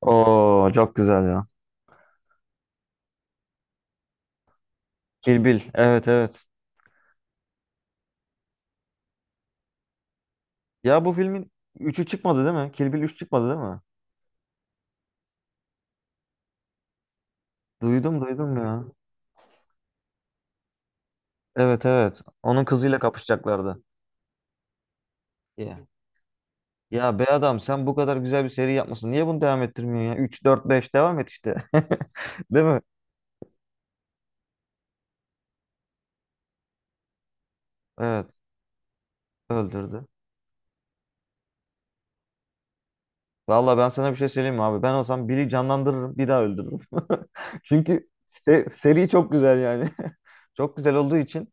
Oo çok güzel ya. Kill Bill. Evet evet. Ya bu filmin üçü çıkmadı değil mi? Kill Bill 3 çıkmadı değil mi? Duydum duydum ya. Evet evet. Onun kızıyla kapışacaklardı. Ya. Ya be adam sen bu kadar güzel bir seri yapmasın. Niye bunu devam ettirmiyorsun ya? 3 4 5 devam et işte. Değil mi? Evet. Öldürdü. Vallahi ben sana bir şey söyleyeyim mi abi? Ben olsam Bill'i canlandırırım. Bir daha öldürürüm. Çünkü seri çok güzel yani. Çok güzel olduğu için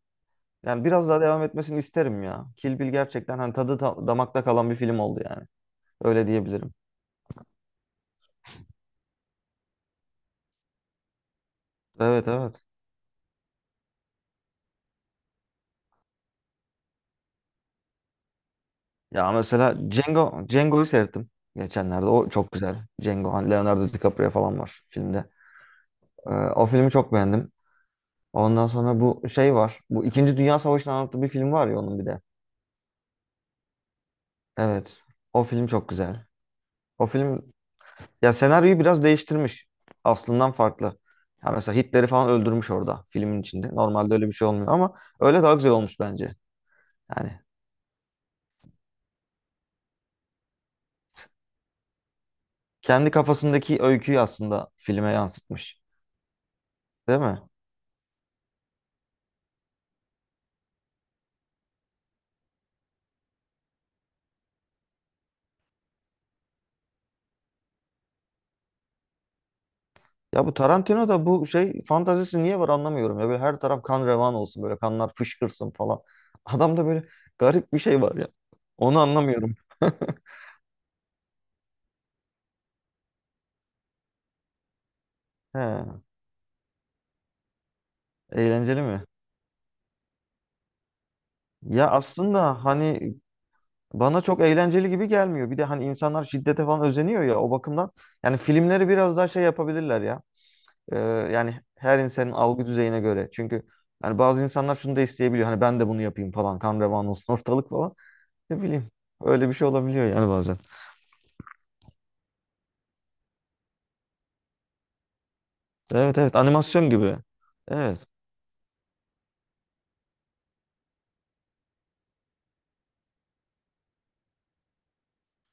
yani biraz daha devam etmesini isterim ya. Kill Bill gerçekten hani tadı damakta kalan bir film oldu yani. Öyle diyebilirim. Evet evet. Ya mesela Django, Django'yu seyrettim geçenlerde. O çok güzel. Django, hani Leonardo DiCaprio falan var filmde. Ee, o filmi çok beğendim. Ondan sonra bu şey var. Bu İkinci Dünya Savaşı'nı anlattığı bir film var ya onun bir de. Evet. O film çok güzel. O film ya senaryoyu biraz değiştirmiş. Aslından farklı. Ya mesela Hitler'i falan öldürmüş orada filmin içinde. Normalde öyle bir şey olmuyor ama öyle daha güzel olmuş bence. Yani kendi kafasındaki öyküyü aslında filme yansıtmış. Değil mi? Ya bu Tarantino'da bu şey fantazisi niye var anlamıyorum ya. Böyle her taraf kan revan olsun böyle kanlar fışkırsın falan. Adamda böyle garip bir şey var ya. Onu anlamıyorum. He, eğlenceli mi? Ya aslında hani bana çok eğlenceli gibi gelmiyor. Bir de hani insanlar şiddete falan özeniyor ya o bakımdan. Yani filmleri biraz daha şey yapabilirler ya. Ee, yani her insanın algı düzeyine göre. Çünkü yani bazı insanlar şunu da isteyebiliyor. Hani ben de bunu yapayım falan. Kan revan olsun ortalık falan. Ne bileyim. Öyle bir şey olabiliyor yani bazen. Evet evet animasyon gibi. Evet.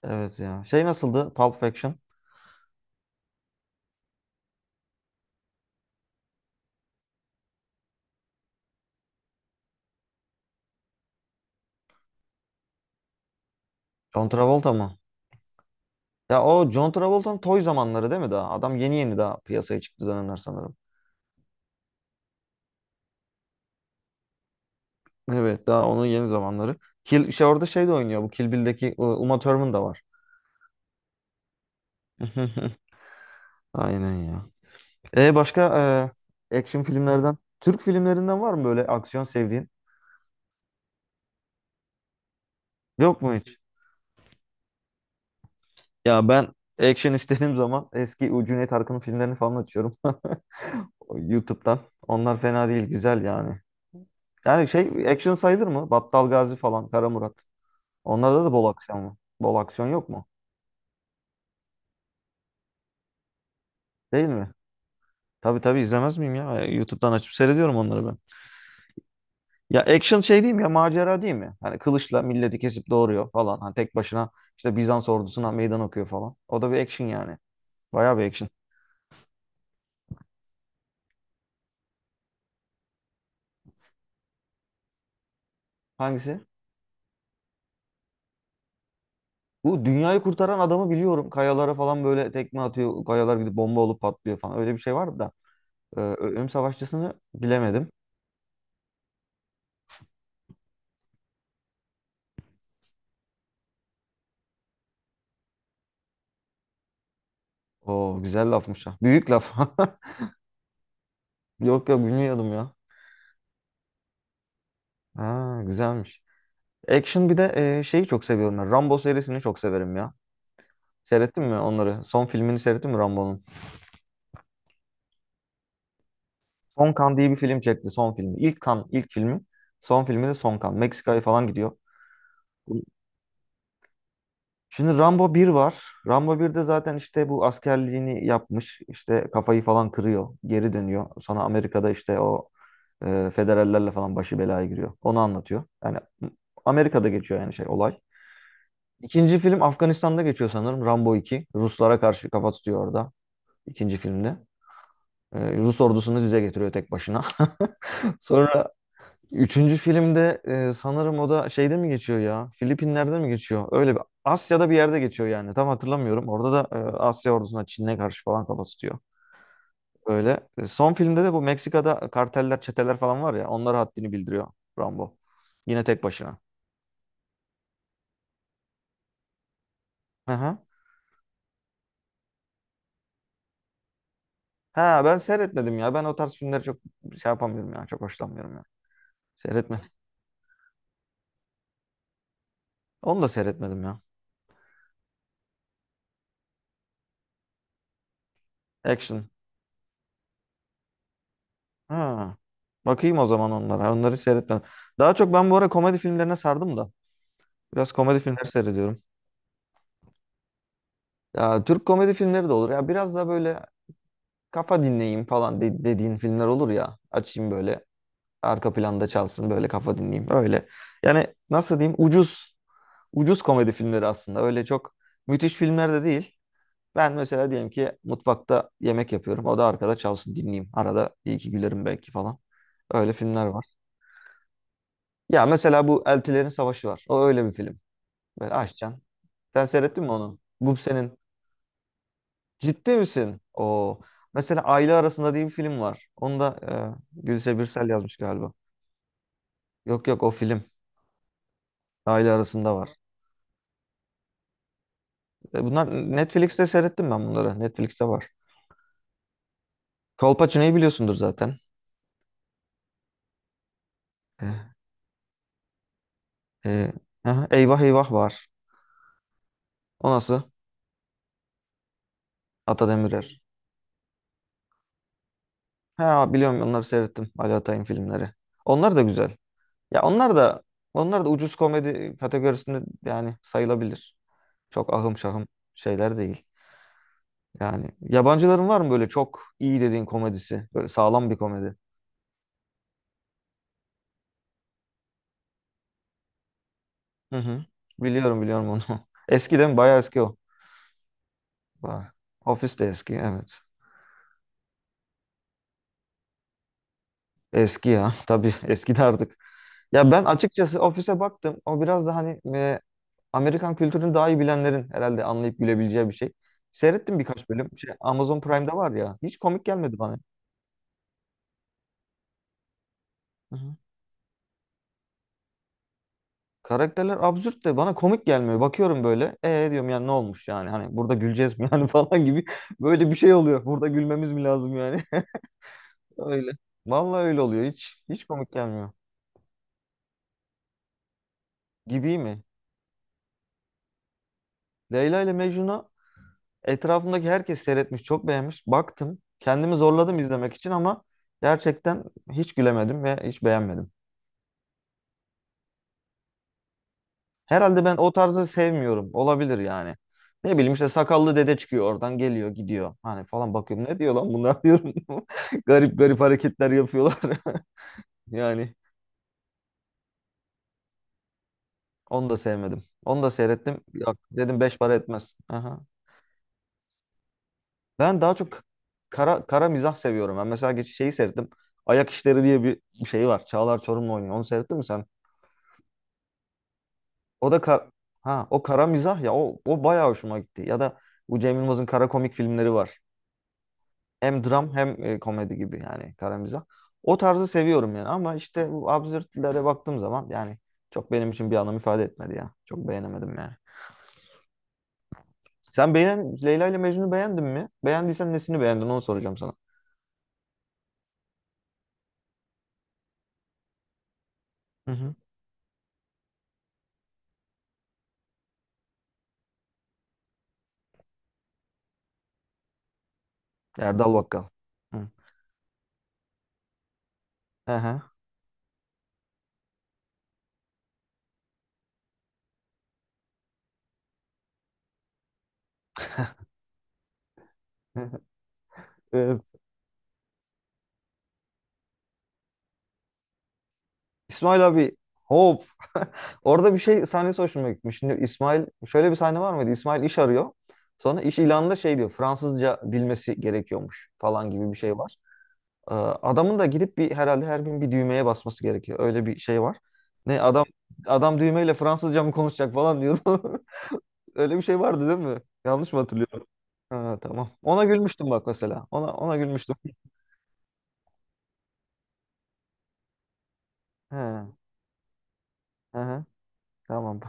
Evet ya. Şey nasıldı? Pulp Fiction. John Travolta mı? Ya o John Travolta'nın toy zamanları değil mi daha? Adam yeni yeni daha piyasaya çıktı dönemler sanırım. Evet daha onun yeni zamanları. Kill, şey orada şey de oynuyor. Bu Kill Bill'deki Uma Thurman da var. Aynen ya. E başka action filmlerden, Türk filmlerinden var mı böyle aksiyon sevdiğin? Yok mu hiç? Ya ben action istediğim zaman eski o Cüneyt Arkın'ın filmlerini falan açıyorum YouTube'dan. Onlar fena değil, güzel yani. Yani şey action sayılır mı? Battal Gazi falan, Kara Murat. Onlarda da bol aksiyon mu? Bol aksiyon yok mu? Değil mi? Tabii tabii izlemez miyim ya? YouTube'dan açıp seyrediyorum onları ben. Ya action şey değil mi ya macera değil mi? Hani kılıçla milleti kesip doğuruyor falan. Hani tek başına işte Bizans ordusuna meydan okuyor falan. O da bir action yani. Bayağı bir action. Hangisi? Bu dünyayı kurtaran adamı biliyorum. Kayalara falan böyle tekme atıyor. Kayalar gidip bomba olup patlıyor falan. Öyle bir şey vardı da. Ölüm Savaşçısı'nı bilemedim. Oo güzel lafmış ha. Büyük laf. Yok yok bilmiyordum ya. Ha güzelmiş. Action bir de şeyi çok seviyorum ben. Rambo serisini çok severim ya. Seyrettin mi onları? Son filmini seyrettin mi Rambo'nun? Son Kan diye bir film çekti son filmi. İlk Kan ilk filmi. Son filmi de Son Kan. Meksika'ya falan gidiyor. Şimdi Rambo bir var. Rambo 1'de zaten işte bu askerliğini yapmış. İşte kafayı falan kırıyor. Geri dönüyor. Sonra Amerika'da işte o federallerle falan başı belaya giriyor. Onu anlatıyor. Yani Amerika'da geçiyor yani şey olay. İkinci film Afganistan'da geçiyor sanırım. Rambo 2 Ruslara karşı kafa tutuyor orada. İkinci filmde. Rus ordusunu dize getiriyor tek başına. Sonra üçüncü filmde sanırım o da şeyde mi geçiyor ya? Filipinler'de mi geçiyor? Öyle bir Asya'da bir yerde geçiyor yani. Tam hatırlamıyorum. Orada da Asya ordusuna Çin'e karşı falan kafa tutuyor. Öyle. Son filmde de bu Meksika'da karteller, çeteler falan var ya. Onlara haddini bildiriyor Rambo. Yine tek başına. Hı hı. Ha ben seyretmedim ya. Ben o tarz filmleri çok şey yapamıyorum ya. Çok hoşlanmıyorum ya. Seyretmedim. Onu da seyretmedim ya. Action. Ha. Bakayım o zaman onlara. Onları seyretmedim. Daha çok ben bu ara komedi filmlerine sardım da. Biraz komedi filmleri seyrediyorum. Ya Türk komedi filmleri de olur. Ya biraz da böyle kafa dinleyeyim falan dediğin filmler olur ya. Açayım böyle arka planda çalsın böyle kafa dinleyeyim öyle. Yani nasıl diyeyim ucuz ucuz komedi filmleri aslında. Öyle çok müthiş filmler de değil. Ben mesela diyelim ki mutfakta yemek yapıyorum. O da arkada çalsın dinleyeyim. Arada iyi ki gülerim belki falan. Öyle filmler var. Ya mesela bu Eltilerin Savaşı var. O öyle bir film. Böyle açacaksın. Sen seyrettin mi onu? Ciddi misin? O mesela Aile Arasında diye bir film var. Onu da Gülse Birsel yazmış galiba. Yok yok o film Aile Arasında var. Bunlar Netflix'te seyrettim ben bunları. Netflix'te var. Kolpaçino'yu biliyorsundur zaten. E, e, aha, Eyvah Eyvah var. O nasıl? Ata Demirer. Ha biliyorum onları seyrettim. Ali Atay'ın filmleri. Onlar da güzel. Ya onlar da ucuz komedi kategorisinde yani sayılabilir. Çok ahım şahım şeyler değil. Yani yabancıların var mı böyle çok iyi dediğin komedisi? Böyle sağlam bir komedi. Hı hı. Biliyorum biliyorum onu. Eski değil mi? Bayağı eski o. Ba- Ofis de eski evet. Eski ya tabii eski de artık. Ya ben açıkçası ofise baktım. O biraz da hani Amerikan kültürünü daha iyi bilenlerin herhalde anlayıp gülebileceği bir şey. Seyrettim birkaç bölüm. Şey, Amazon Prime'da var ya. Hiç komik gelmedi bana. Hı hı. Karakterler absürt de bana komik gelmiyor. Bakıyorum böyle. Diyorum yani ne olmuş yani? Hani burada güleceğiz mi yani falan gibi. Böyle bir şey oluyor. Burada gülmemiz mi lazım yani? Öyle. Vallahi öyle oluyor. Hiç komik gelmiyor. Gibi mi? Leyla ile Mecnun'u etrafımdaki herkes seyretmiş, çok beğenmiş. Baktım. Kendimi zorladım izlemek için ama gerçekten hiç gülemedim ve hiç beğenmedim. Herhalde ben o tarzı sevmiyorum. Olabilir yani. Ne bileyim işte sakallı dede çıkıyor oradan geliyor gidiyor. Hani falan bakıyorum ne diyor lan bunlar diyorum. Garip garip hareketler yapıyorlar. Yani onu da sevmedim. Onu da seyrettim. Yok, dedim beş para etmez. Aha. Ben daha çok kara mizah seviyorum. Ben mesela geç şeyi seyrettim. Ayak İşleri diye bir şey var. Çağlar Çorumlu oynuyor. Onu seyrettin mi sen? O da kar Ha o kara mizah ya o bayağı hoşuma gitti. Ya da bu Cem Yılmaz'ın kara komik filmleri var. Hem dram hem komedi gibi yani kara mizah. O tarzı seviyorum yani ama işte bu absürtlere baktığım zaman yani çok benim için bir anlam ifade etmedi ya. Çok beğenemedim yani. Sen beğen Leyla ile Mecnun'u beğendin mi? Beğendiysen nesini beğendin onu soracağım sana. Hı hı. Erdal Bakkal. Hı. Hı hı. Ee, İsmail abi hop. Orada bir şey sahnesi hoşuma gitmiş. Şimdi İsmail şöyle bir sahne var mıydı? İsmail iş arıyor. Sonra iş ilanında şey diyor. Fransızca bilmesi gerekiyormuş falan gibi bir şey var. Adamın da gidip bir herhalde her gün bir düğmeye basması gerekiyor. Öyle bir şey var. Ne adam düğmeyle Fransızca mı konuşacak falan diyordu. Öyle bir şey vardı değil mi? Yanlış mı hatırlıyorum? Ha, tamam. Ona gülmüştüm bak mesela. Ona gülmüştüm. He, he, he. Tamam.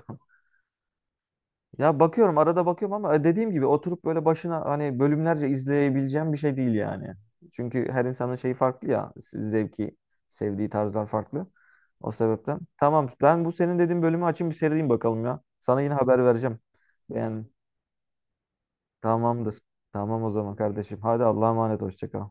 Ya bakıyorum arada bakıyorum ama dediğim gibi oturup böyle başına hani bölümlerce izleyebileceğim bir şey değil yani. Çünkü her insanın şeyi farklı ya zevki, sevdiği tarzlar farklı. O sebepten. Tamam ben bu senin dediğin bölümü açayım bir seyredeyim bakalım ya. Sana yine haber vereceğim. Yani tamamdır. Tamam o zaman kardeşim. Hadi Allah'a emanet hoşça kal.